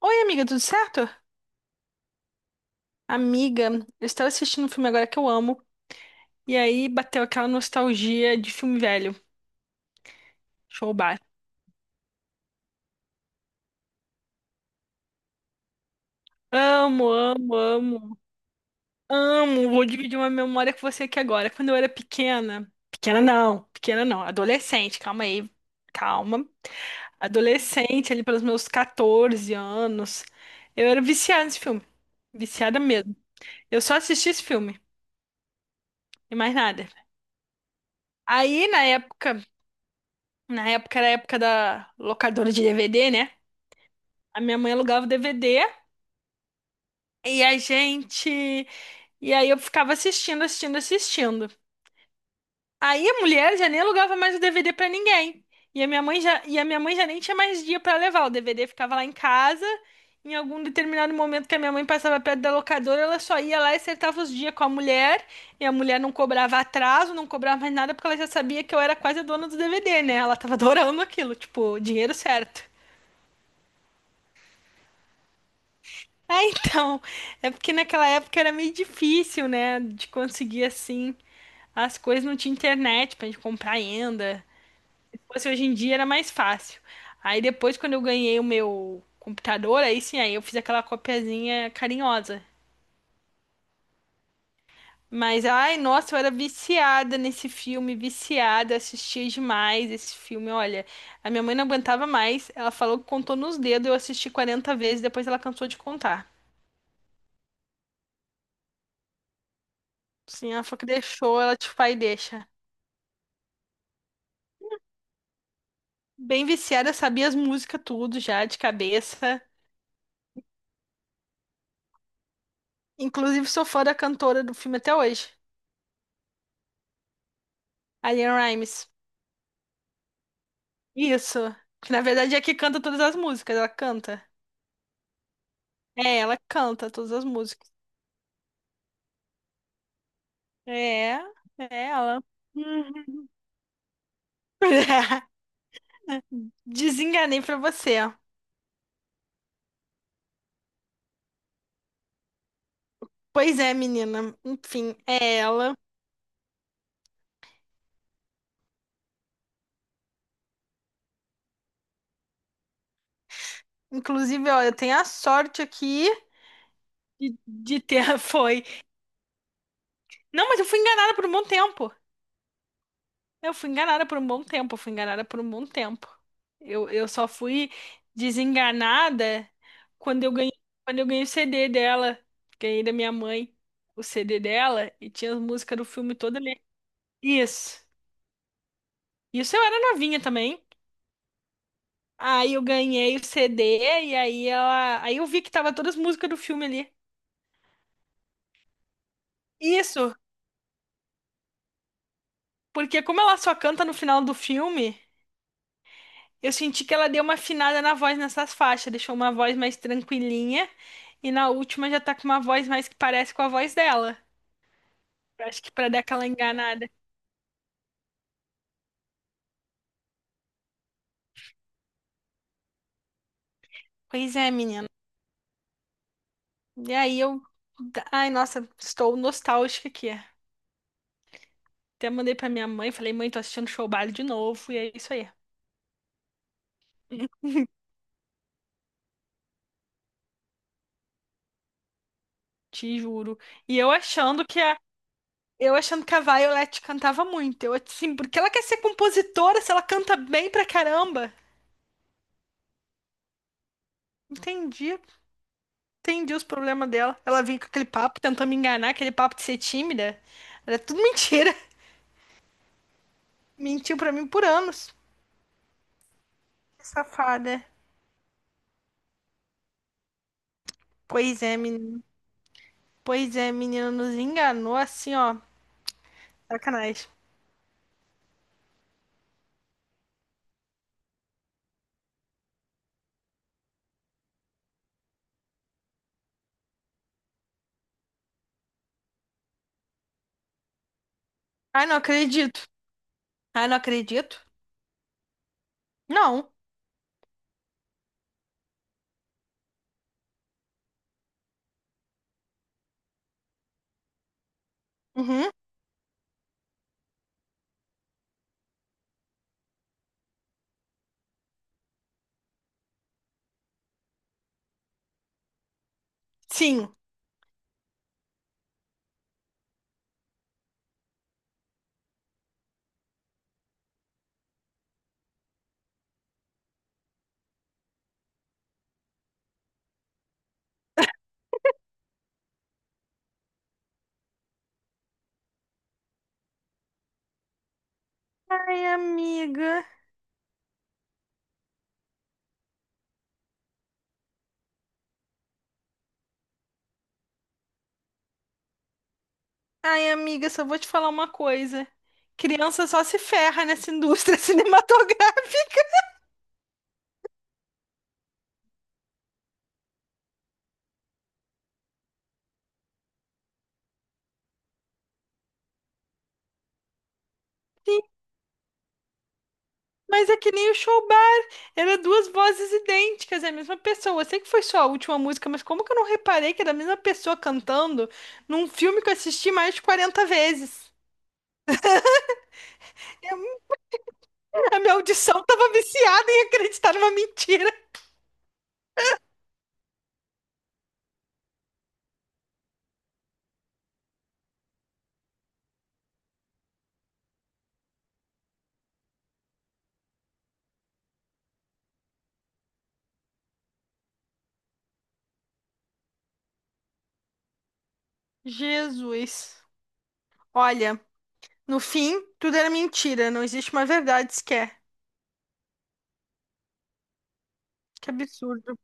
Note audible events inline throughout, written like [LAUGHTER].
Oi, amiga, tudo certo? Amiga, eu estava assistindo um filme agora que eu amo. E aí bateu aquela nostalgia de filme velho. Show bar. Amo, amo, amo, amo. Vou dividir uma memória com você aqui agora. Quando eu era pequena. Pequena não, pequena não. Adolescente, calma aí. Calma. Adolescente, ali pelos meus 14 anos. Eu era viciada nesse filme. Viciada mesmo. Eu só assisti esse filme e mais nada. Aí, na época. Na época era a época da locadora de DVD, né? A minha mãe alugava o DVD e a gente. E aí eu ficava assistindo, assistindo, assistindo. Aí a mulher já nem alugava mais o DVD pra ninguém. E a minha mãe já nem tinha mais dia pra levar. O DVD ficava lá em casa. Em algum determinado momento que a minha mãe passava perto da locadora, ela só ia lá e acertava os dias com a mulher. E a mulher não cobrava atraso, não cobrava mais nada, porque ela já sabia que eu era quase a dona do DVD, né? Ela tava adorando aquilo, tipo, dinheiro certo. [LAUGHS] É, então, é porque naquela época era meio difícil, né, de conseguir assim as coisas, não tinha internet pra gente comprar ainda. Se fosse hoje em dia era mais fácil. Aí depois, quando eu ganhei o meu computador, aí sim, aí eu fiz aquela copiazinha carinhosa. Mas, ai, nossa, eu era viciada nesse filme, viciada, assistia demais esse filme. Olha, a minha mãe não aguentava mais, ela falou que contou nos dedos, eu assisti 40 vezes, depois ela cansou de contar. Sim, ela falou que deixou, ela tipo, pai, deixa. Bem viciada, sabia as músicas tudo já de cabeça. Inclusive, sou fã da cantora do filme até hoje, a Leanne Rimes. Isso. Que na verdade é que canta todas as músicas, ela canta. É, ela canta todas as músicas. É, é ela. Uhum. [LAUGHS] Desenganei pra você. Ó. Pois é, menina. Enfim, é ela. Inclusive, ó, eu tenho a sorte aqui de ter. [LAUGHS] Foi. Não, mas eu fui enganada por um bom tempo. Eu fui enganada por um bom tempo, eu fui enganada por um bom tempo. Eu só fui desenganada quando eu ganhei, quando eu ganhei o CD dela. Ganhei da minha mãe o CD dela e tinha as músicas do filme todo ali. Isso. Isso eu era novinha também. Aí eu ganhei o CD e aí eu vi que tava todas as músicas do filme ali. Isso, porque como ela só canta no final do filme, eu senti que ela deu uma afinada na voz nessas faixas, deixou uma voz mais tranquilinha e na última já tá com uma voz mais que parece com a voz dela. Eu acho que pra dar aquela enganada. Pois é, menina. E aí eu, ai, nossa, estou nostálgica aqui. Até mandei pra minha mãe, falei, mãe, tô assistindo Show Baile de novo e é isso aí. [LAUGHS] Te juro. E eu achando que a Violet cantava muito. Eu assim, porque ela quer ser compositora, se ela canta bem pra caramba. Entendi. Entendi os problemas dela. Ela veio com aquele papo, tentou me enganar, aquele papo de ser tímida. Era tudo [LAUGHS] mentira. Mentiu pra mim por anos. Que safada. Pois é, menino. Pois é, menino, nos enganou assim, ó. Sacanagem. Ai, não acredito. Ai, não acredito. Não. Uhum. Sim. Ai, amiga. Ai, amiga, só vou te falar uma coisa. Criança só se ferra nessa indústria [LAUGHS] cinematográfica. Mas é que nem o show bar, era duas vozes idênticas, é a mesma pessoa. Eu sei que foi só a última música, mas como que eu não reparei que era a mesma pessoa cantando num filme que eu assisti mais de 40 vezes? Eu- A minha audição tava viciada em acreditar numa mentira. Jesus. Olha, no fim, tudo era mentira, não existe uma verdade sequer. Que absurdo.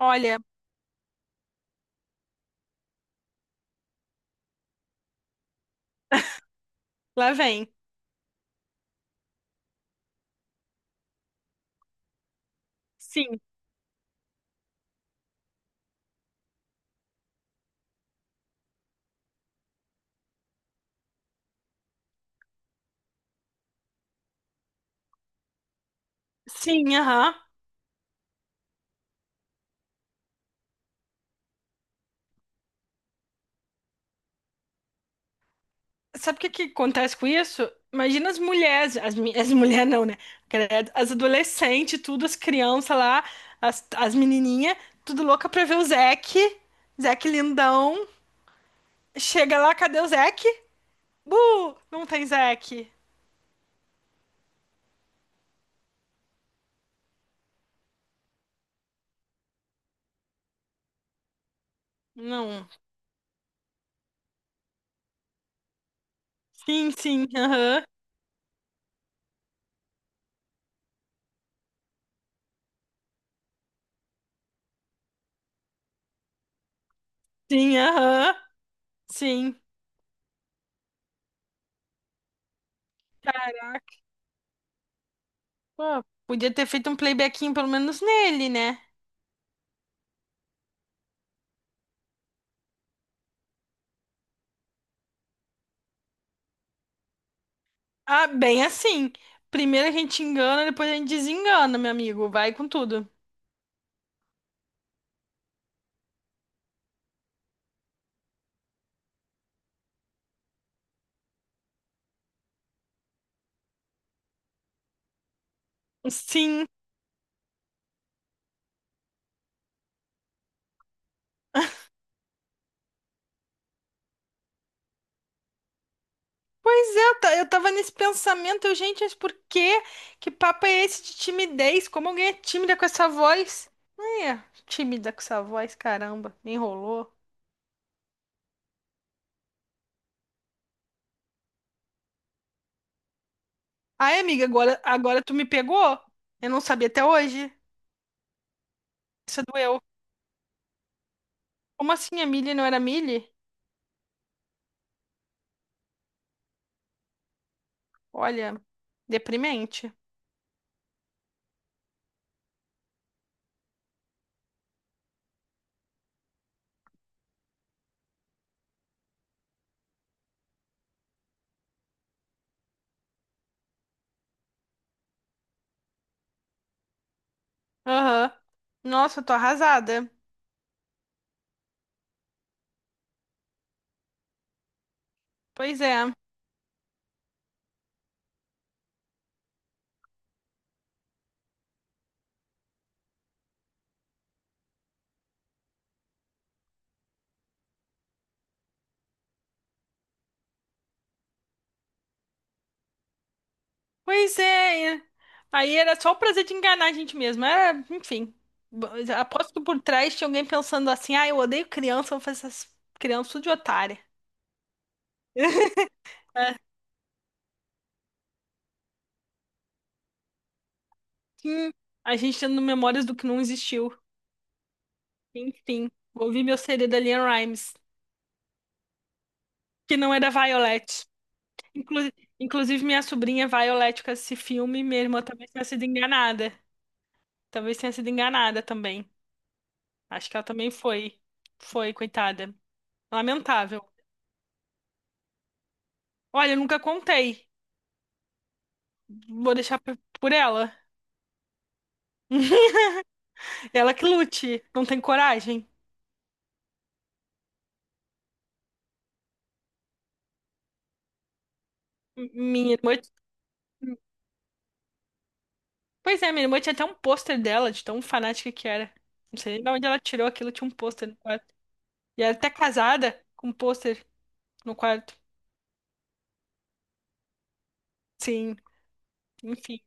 Olha, lá vem. Sim, sim, aham. Sabe o que que acontece com isso? Imagina as mulheres, as mulheres não, né? Credo, as adolescentes, tudo, as crianças lá, as menininhas, tudo louca pra ver o Zeke. Zeke lindão. Chega lá, cadê o Zeke? Bu! Não tem Zeke. Não. Sim, sim, aham. Sim, aham. Sim. Pô, podia ter feito um playbackinho pelo menos nele, né? Ah, bem assim. Primeiro a gente engana, depois a gente desengana, meu amigo. Vai com tudo. Sim. Pois é, eu tava nesse pensamento, eu, gente, mas por quê? Que papo é esse de timidez? Como alguém é tímida com essa voz? É, tímida com essa voz, caramba, me enrolou. Ai, amiga, agora tu me pegou? Eu não sabia até hoje. Isso doeu. Como assim a Millie não era Millie? Olha, deprimente. Aham. Nossa, eu tô arrasada. Pois é. Pois é. É. Aí era só o prazer de enganar a gente mesmo. Era, enfim. Bo- Aposto que por trás tinha alguém pensando assim: ah, eu odeio criança, eu vou fazer essas crianças tudo de otária. [LAUGHS] É. Sim, a gente tendo memórias do que não existiu. Enfim, ouvi meu CD da Liam Rimes, que não é da Violet. Inclu- Inclusive, minha sobrinha Violet com esse filme, minha irmã também tenha sido enganada. Talvez tenha sido enganada também. Acho que ela também foi. Foi, coitada. Lamentável. Olha, eu nunca contei. Vou deixar por ela. Ela que lute. Não tem coragem. Minha irmã. Pois é, minha irmã tinha até um pôster dela, de tão fanática que era. Não sei nem de onde ela tirou aquilo, tinha um pôster no quarto. E ela é até casada com um pôster no quarto. Sim, enfim.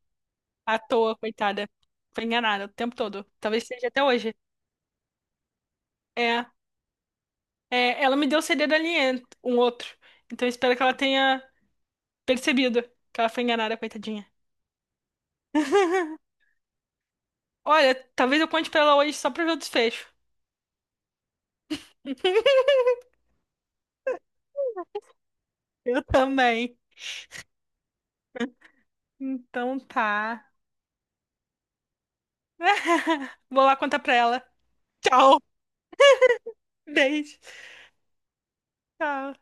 À toa, coitada. Foi enganada o tempo todo. Talvez seja até hoje. É. É, ela me deu o CD do Alien, um outro. Então eu espero que ela tenha percebido que ela foi enganada, coitadinha. [LAUGHS] Olha, talvez eu conte pra ela hoje só pra ver o desfecho. [LAUGHS] Eu também. Então tá. [LAUGHS] Vou lá contar pra ela. Tchau. Beijo. Tchau.